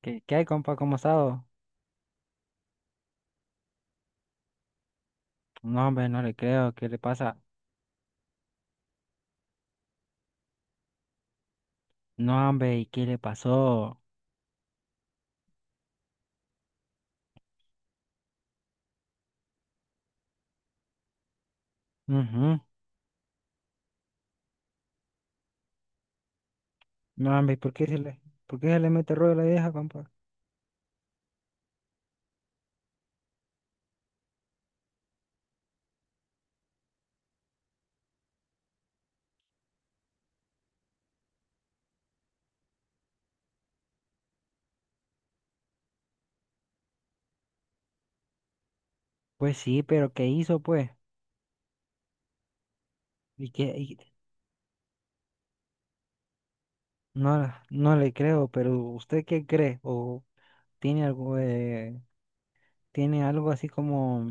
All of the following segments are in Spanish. ¿Qué hay, compa? ¿Cómo ha estado? No, hombre, no le creo. ¿Qué le pasa? No, hombre, ¿y qué le pasó? Ujú. No, hombre, ¿y ¿por qué se le, ¿Por qué se le mete rollo a la vieja, compa? Pues sí, pero ¿qué hizo, pues? ¿Y qué? y- No, no le creo, pero ¿usted qué cree? ¿O tiene algo, eh, tiene algo así como,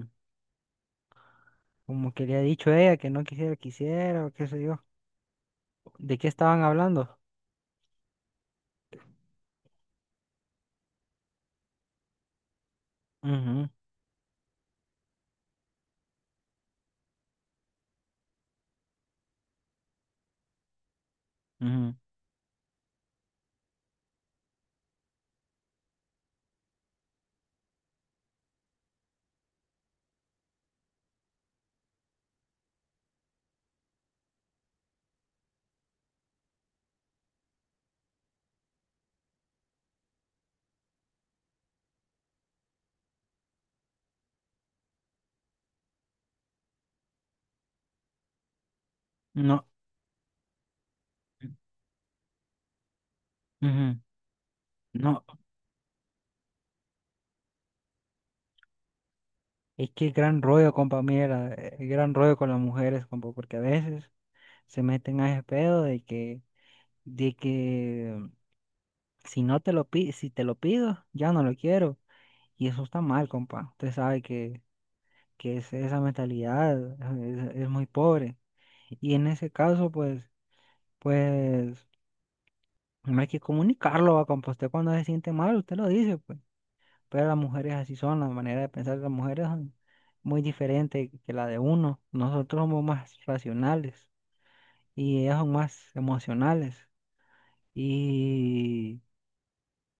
como que le ha dicho ella que no quisiera, o qué sé yo? ¿De qué estaban hablando? Ujú, ujú. No. Ujú. No, Es que gran rollo, compa, mira, gran rollo con las mujeres, compa, porque a veces se meten a ese pedo de que si no si te lo pido, ya no lo quiero. Y eso está mal, compa. Usted sabe que esa mentalidad es muy pobre. Y en ese caso, pues, no hay que comunicarlo, va, compa. Usted cuando se siente mal, usted lo dice, pues. Pero las mujeres así son, la manera de pensar de las mujeres son muy diferente que la de uno. Nosotros somos más racionales y ellas son más emocionales. Y,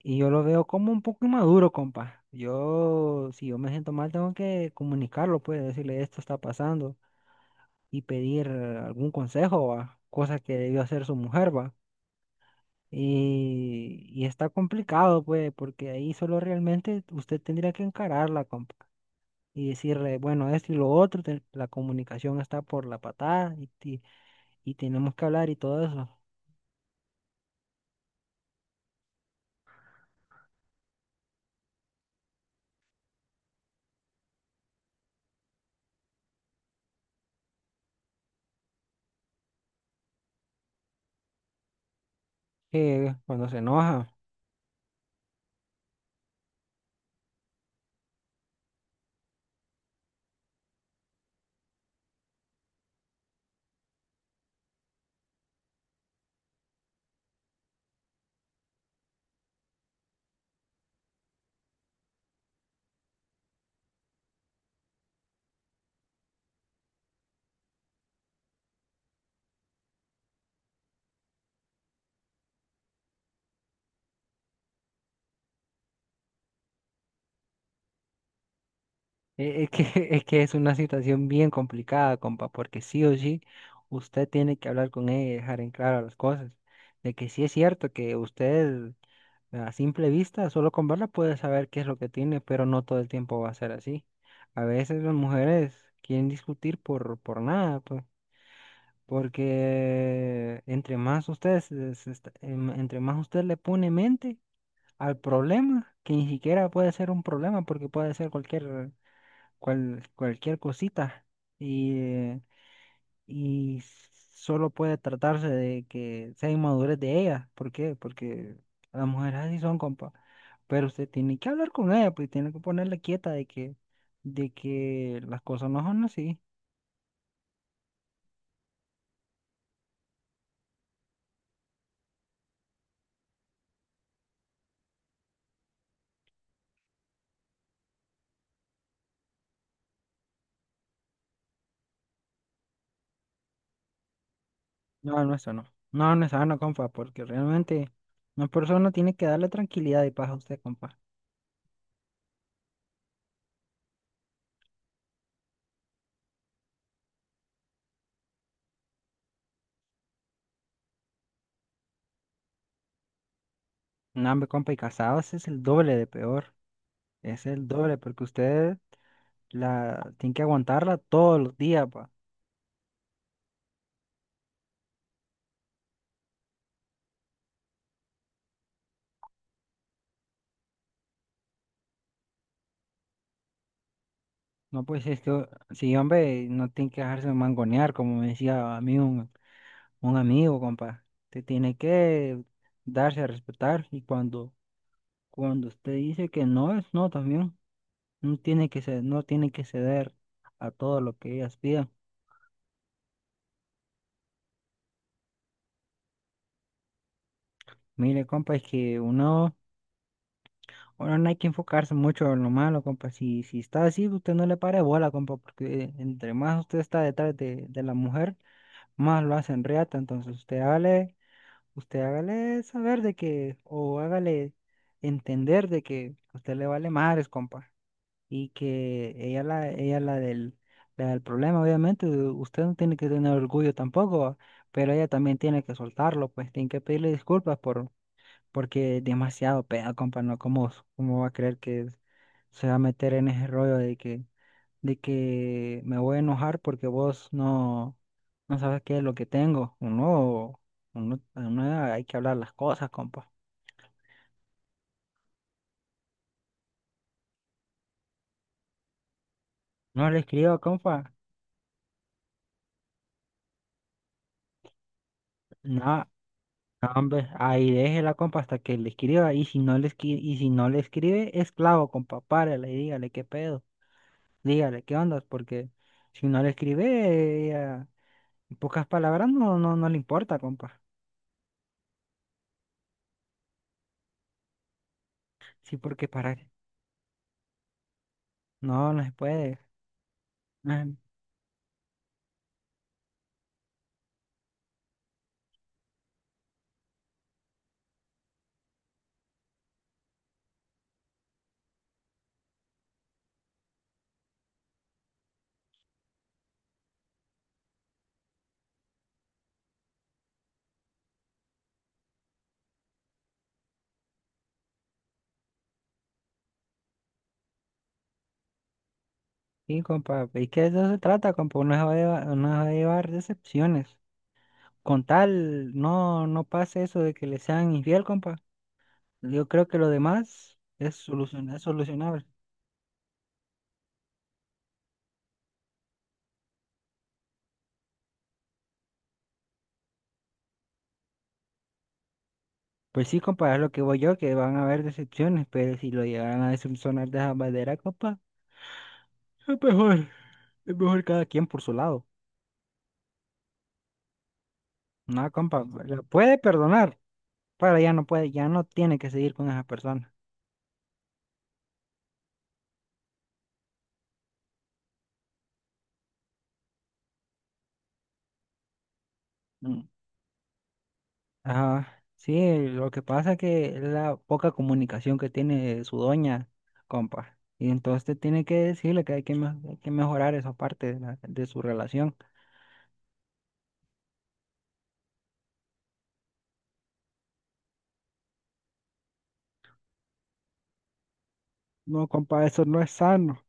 y yo lo veo como un poco inmaduro, compa. Yo, si yo me siento mal, tengo que comunicarlo, pues decirle esto está pasando y pedir algún consejo, ¿va? Cosa que debió hacer su mujer, ¿va? Y está complicado, pues, porque ahí solo realmente usted tendría que encararla, compa, y decirle, bueno, esto y lo otro, la comunicación está por la patada y tenemos que hablar y todo eso. Que cuando se enoja, e- es que, es que es una situación bien complicada, compa, porque sí o sí, usted tiene que hablar con ella y dejar en claro las cosas, de que sí es cierto que usted a simple vista, solo con verla puede saber qué es lo que tiene, pero no todo el tiempo va a ser así. A veces las mujeres quieren discutir por nada, pues. Porque entre más usted, se- se está- em- entre más usted le pone mente al problema, que ni siquiera puede ser un problema, porque puede ser cualquier cosita, y, eh, y solo puede tratarse de que sea inmadurez de ella. ¿Por qué? Porque las mujeres así son, compa. Pero usted tiene que hablar con ella, pues tiene que ponerle quieta de que las cosas no son así. No, el nuestro no. No, el nuestro no, compa, porque realmente una persona tiene que darle tranquilidad y paz a usted, compa. No, hombre, compa, y casados es el doble de peor. Es el doble, porque usted la tiene que aguantarla todos los días, pa. No, pues es que, sí, hombre, no tiene que dejarse mangonear, como me decía a mí un amigo, compa. Usted tiene que darse a respetar y cuando usted dice que no es no también. No tiene que ceder a todo lo que ellas pidan. Mire, compa, es que uno no hay que enfocarse mucho en lo malo, compa. Si está así, usted no le pare bola, compa, porque entre más usted está detrás de la mujer, más lo hacen reata. Usted hágale saber de que, o hágale entender de que a usted le vale madres, compa. Y que ella la del, La del problema, obviamente, usted no tiene que tener orgullo tampoco, pero ella también tiene que soltarlo, pues tiene que pedirle disculpas porque demasiado peda, compa, ¿no? ¿Cómo va a creer que se va a meter en ese rollo de que me voy a enojar porque vos no sabes qué es lo que tengo? Uno hay que hablar las cosas, compa. No le escriba, compa. No, no, hombre, ahí déjela, compa, hasta que le escriba. Y si no le escribe, y si no le escribe, es clavo, compa, párele y dígale qué pedo. Dígale qué ondas, porque si no le escribe, ella, en pocas palabras, no le importa, compa. Sí, porque para... No, no se puede. Ah, sí, compa, es que de eso se trata, compa, uno se va a llevar, no se va a llevar decepciones. Con tal, no pase eso de que le sean infiel, compa. Yo creo que lo demás es, es solucionable. Pues sí, compa, es lo que voy yo, que van a haber decepciones, pero si lo llegaran a decepcionar de esa manera, compa, es mejor. Es mejor cada quien por su lado. No, compa, la puede perdonar, pero ya no puede, ya no tiene que seguir con esa persona. Ajá, sí, lo que pasa que es la poca comunicación que tiene su doña, compa. Y entonces tiene que decirle que hay que mejorar esa parte de su relación. No, compa, eso no es sano.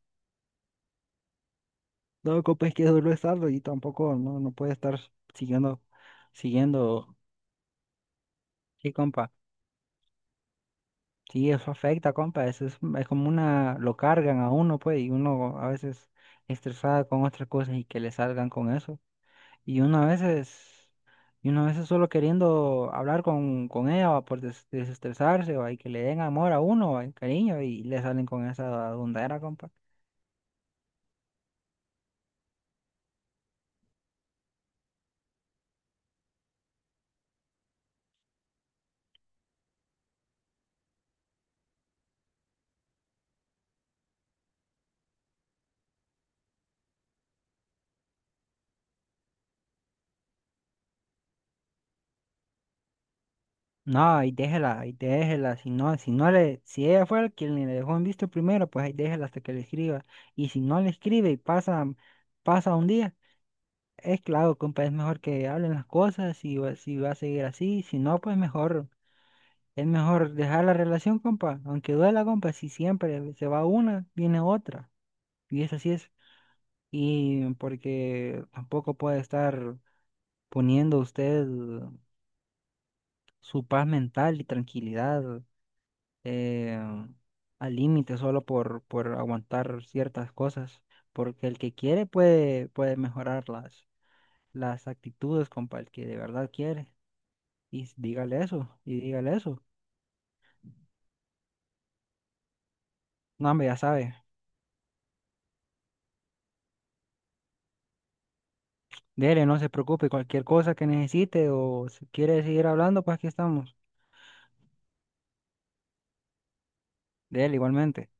No, compa, es que eso no es sano y tampoco no puede estar siguiendo, siguiendo. Sí, compa. Sí, eso afecta, compa. Eso es como una, lo cargan a uno, pues, y uno a veces estresada con otras cosas y que le salgan con eso. Y uno a veces, y uno a veces solo queriendo hablar con ella va, por desestresarse, va, y que le den amor a uno, va, y cariño, y le salen con esa dundera, compa. No, y déjela, Si no, si no le, si ella fue el quien le dejó en visto primero, pues ahí déjela hasta que le escriba. Y si no le escribe y pasa un día, es claro, compa, es mejor que hablen las cosas, si va a seguir así, si no, pues mejor. Es mejor dejar la relación, compa, aunque duela, compa, si siempre se va una, viene otra. Y eso así es. Y porque tampoco puede estar poniendo usted su paz mental y tranquilidad eh, al límite solo por aguantar ciertas cosas. Porque el que quiere puede mejorar las actitudes, compa, el que de verdad quiere. Y dígale eso. No, hombre, ya sabe. Dele, no se preocupe, cualquier cosa que necesite o si quiere seguir hablando, pues aquí estamos. Dele, igualmente.